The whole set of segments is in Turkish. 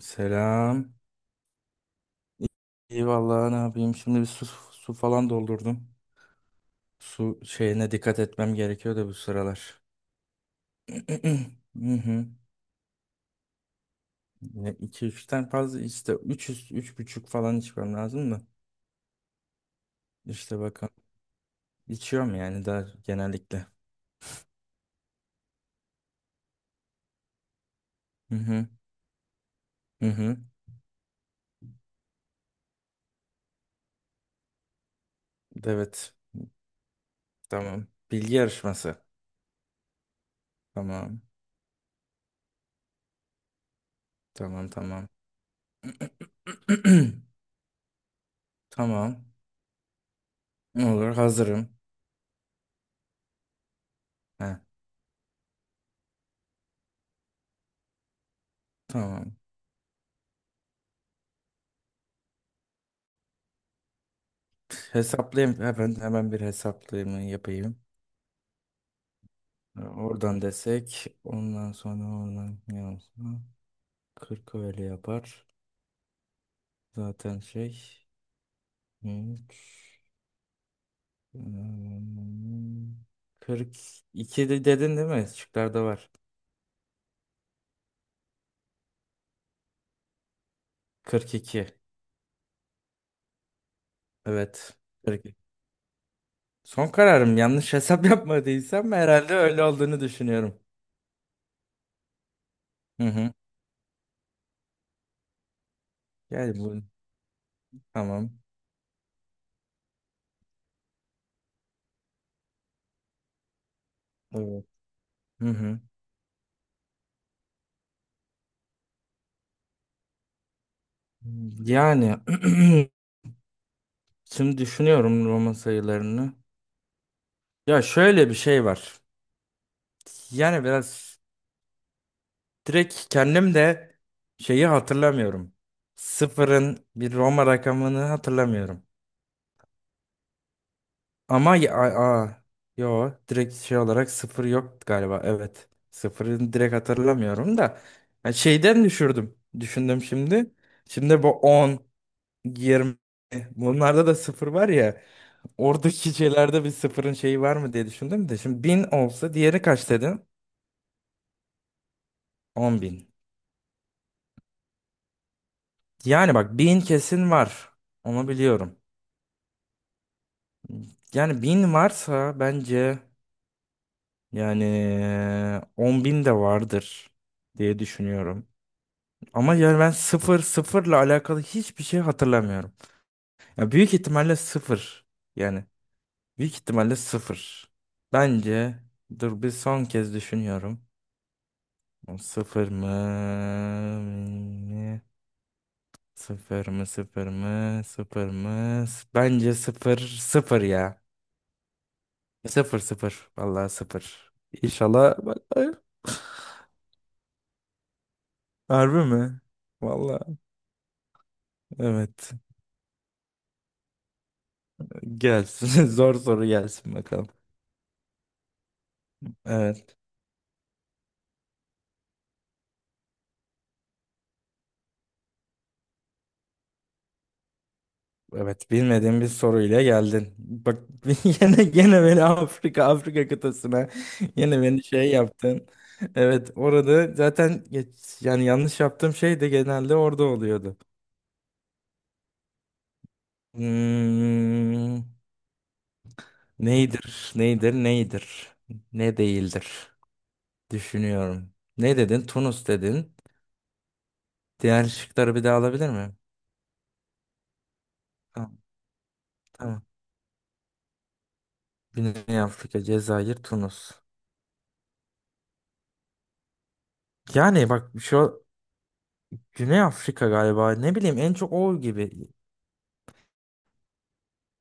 Selam. İyi, iyi vallahi, ne yapayım? Şimdi bir su falan doldurdum. Su şeyine dikkat etmem gerekiyor da bu sıralar. Hı hı. Ya iki üçten fazla, işte 3,5 falan içmem lazım da. İşte bakın, içiyorum yani daha genellikle. Hı hı. Hı hı. Evet. Tamam. Bilgi yarışması. Tamam. Tamam, tamam. Tamam. Olur, hazırım. Heh, tamam. Hesaplayayım. Hemen, bir hesaplayımı yapayım. Oradan desek. Ondan sonra oradan ne olsun? 40 öyle yapar. Zaten şey. 3, iki de dedin değil mi? Şıklarda var. 42. Evet. 42. Son kararım. Yanlış hesap yapmadıysam herhalde öyle olduğunu düşünüyorum. Hı hı. Yani bu, tamam. Evet. Hı hı. Yani şimdi düşünüyorum Roma sayılarını. Ya şöyle bir şey var. Yani biraz direkt kendim de şeyi hatırlamıyorum. Sıfırın bir Roma rakamını hatırlamıyorum. Ama a- yo, direkt şey olarak sıfır yok galiba. Evet. Sıfırını direkt hatırlamıyorum da. Ya şeyden düşürdüm. Düşündüm şimdi. Şimdi bu 10. 20. Bunlarda da sıfır var ya. Oradaki şeylerde bir sıfırın şeyi var mı diye düşündüm de. Şimdi 1.000 olsa, diğeri kaç dedin? 10.000. Yani bak, 1.000 kesin var. Onu biliyorum. Yani 1.000 varsa bence, yani 10.000 de vardır diye düşünüyorum. Ama yani ben sıfırla alakalı hiçbir şey hatırlamıyorum. Ya büyük ihtimalle sıfır. Yani büyük ihtimalle sıfır. Bence dur, bir son kez düşünüyorum. Sıfır mı? mi? Sıfır mı? Sıfır mı? Bence sıfır. Sıfır ya. Sıfır. Vallahi sıfır. İnşallah. Vallahi. Harbi mi? Vallahi. Evet. Gelsin. Zor soru gelsin bakalım. Evet. Evet, bilmediğim bir soruyla geldin. Bak, yine beni Afrika kıtasına yine beni şey yaptın. Evet, orada zaten geç, yani yanlış yaptığım şey de genelde orada oluyordu. Hmm, neydir? Neydir? Neydir? Ne değildir? Düşünüyorum. Ne dedin? Tunus dedin. Diğer şıkları bir daha alabilir miyim? Tamam, tamam. Güney Afrika, Cezayir, Tunus. Yani bak şu Güney Afrika galiba. Ne bileyim, en çok o gibi.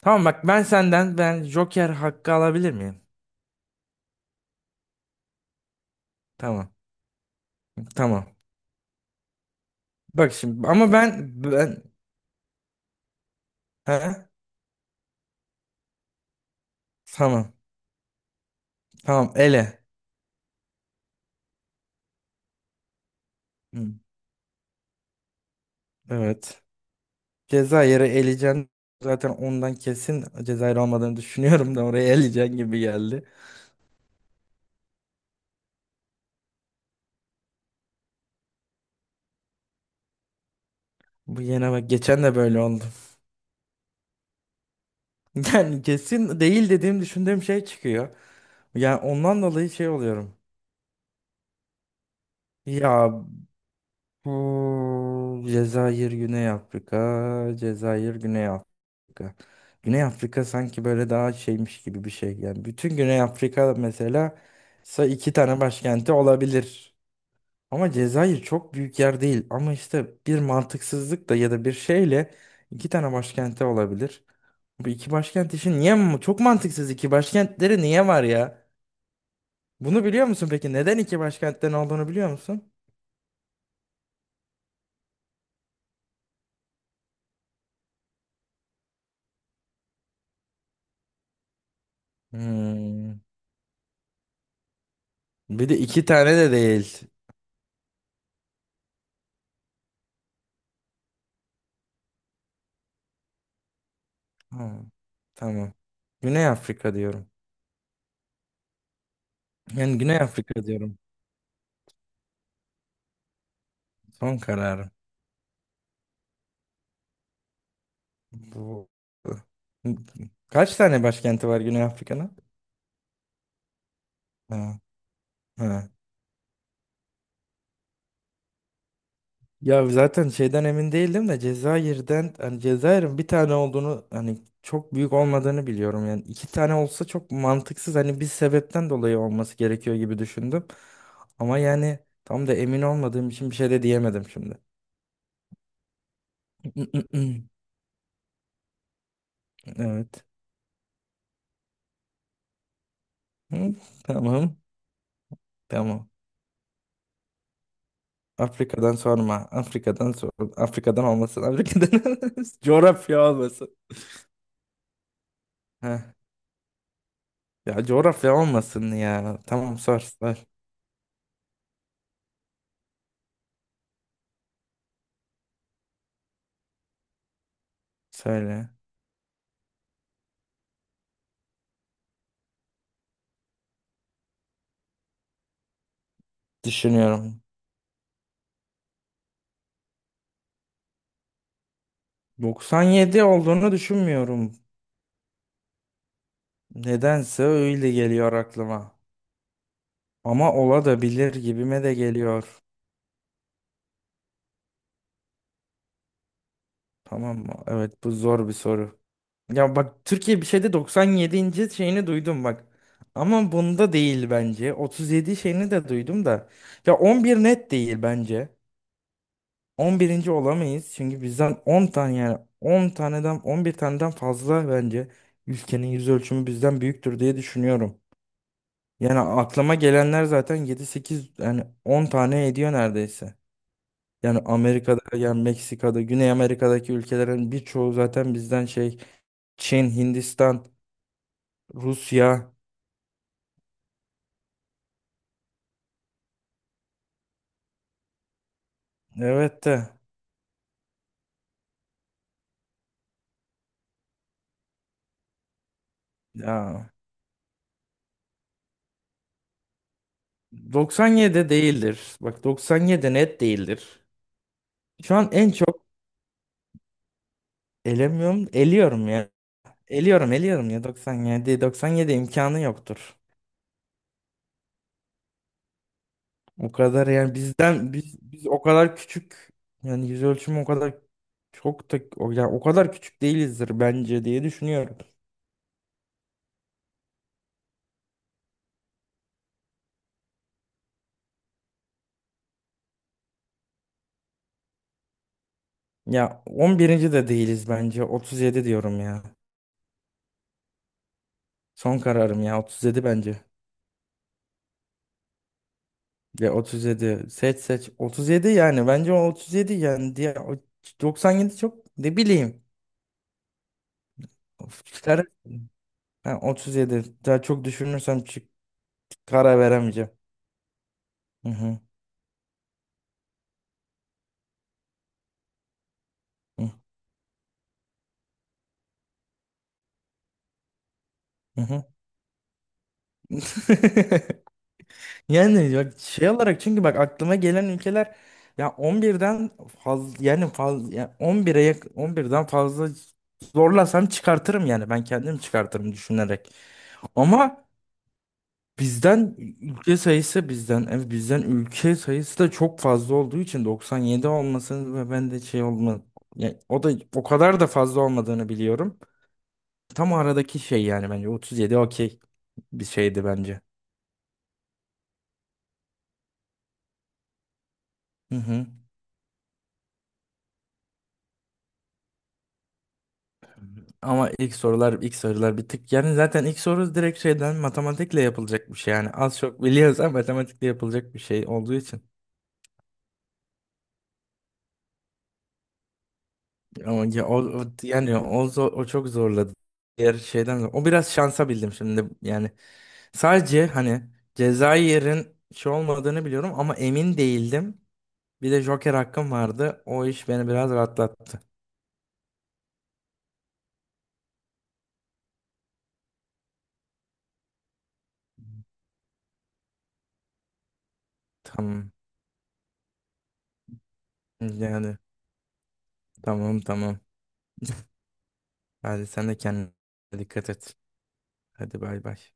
Tamam bak, ben senden, ben joker hakkı alabilir miyim? Tamam. Tamam. Bak şimdi ama ben he? Tamam. Tamam, ele. Hı, evet. Cezayir'i eleyeceksin. Zaten ondan kesin Cezayir olmadığını düşünüyorum da oraya eleyeceksin gibi geldi. Bu yine bak, geçen de böyle oldu. Yani kesin değil dediğim düşündüğüm şey çıkıyor. Yani ondan dolayı şey oluyorum. Ya hmm, Cezayir, Güney Afrika, Cezayir, Güney Afrika. Güney Afrika sanki böyle daha şeymiş gibi bir şey. Yani bütün Güney Afrika mesela iki tane başkenti olabilir. Ama Cezayir çok büyük yer değil. Ama işte bir mantıksızlık da ya da bir şeyle iki tane başkenti olabilir. Bu iki başkent işi niye çok mantıksız, iki başkentleri niye var ya? Bunu biliyor musun peki? Neden iki başkentten olduğunu biliyor musun? Hmm. Bir de iki tane de değil. Ha, tamam. Güney Afrika diyorum. Yani Güney Afrika diyorum. Son kararım. Bu... Kaç tane başkenti var Güney Afrika'nın? Ha, ha. Ya zaten şeyden emin değildim de Cezayir'den, hani Cezayir'in bir tane olduğunu, hani çok büyük olmadığını biliyorum, yani iki tane olsa çok mantıksız, hani bir sebepten dolayı olması gerekiyor gibi düşündüm. Ama yani tam da emin olmadığım için bir şey de diyemedim şimdi. Evet. Hı, tamam. Tamam. Afrika'dan sorma. Afrika'dan sor. Afrika'dan olmasın. Afrika'dan coğrafya olmasın. Heh. Ya coğrafya olmasın ya. Tamam, sor sor. Söyle. Düşünüyorum. 97 olduğunu düşünmüyorum. Nedense öyle geliyor aklıma. Ama ola da bilir gibime de geliyor. Tamam mı? Evet, bu zor bir soru. Ya bak, Türkiye bir şeyde 97. şeyini duydum bak. Ama bunda değil bence. 37 şeyini de duydum da. Ya 11 net değil bence. 11. olamayız çünkü bizden 10 tane, yani 10 taneden 11 taneden fazla bence ülkenin yüz ölçümü bizden büyüktür diye düşünüyorum. Yani aklıma gelenler zaten 7-8, yani 10 tane ediyor neredeyse. Yani Amerika'da, yani Meksika'da, Güney Amerika'daki ülkelerin birçoğu zaten bizden şey, Çin, Hindistan, Rusya, evet de ya 97 değildir. Bak, 97 net değildir. Şu an en çok elemiyorum, eliyorum. Eliyorum, eliyorum, ya 97. 97 imkanı yoktur. O kadar yani bizden biz o kadar küçük, yani yüz ölçümü o kadar çok da o, yani o kadar küçük değilizdir bence diye düşünüyorum. Ya 11. de değiliz bence, 37 diyorum ya. Son kararım, ya 37 bence. Ya otuz yedi, seç seç, 37, yani bence o 37 yani diye o 97 çok ne bileyim. Of, çıkar- Ha, 37 daha çok düşünürsem karar veremeyeceğim. Hı hı. Hı hı. Yani bak, şey olarak çünkü bak aklıma gelen ülkeler ya 11'den fazla, yani fazla ya on birden fazla zorlasam çıkartırım, yani ben kendim çıkartırım düşünerek. Ama bizden bizden ülke sayısı da çok fazla olduğu için 97 olmasın ve ben de şey olma yani o da o kadar da fazla olmadığını biliyorum. Tam aradaki şey yani bence 37, okey bir şeydi bence. Ama ilk sorular, bir tık yani zaten ilk soru direkt şeyden matematikle yapılacak bir şey, yani az çok biliyoruz ama matematikle yapılacak bir şey olduğu için, ama ya, o, o- yani o, zo- o çok zorladı, diğer şeyden o biraz şansa bildim şimdi, yani sadece hani Cezayir'in şey olmadığını biliyorum ama emin değildim, bir de joker hakkım vardı, o iş beni biraz rahatlattı. Tamam, yani tamam, tamam. Hadi sen de kendine dikkat et. Hadi bay bay.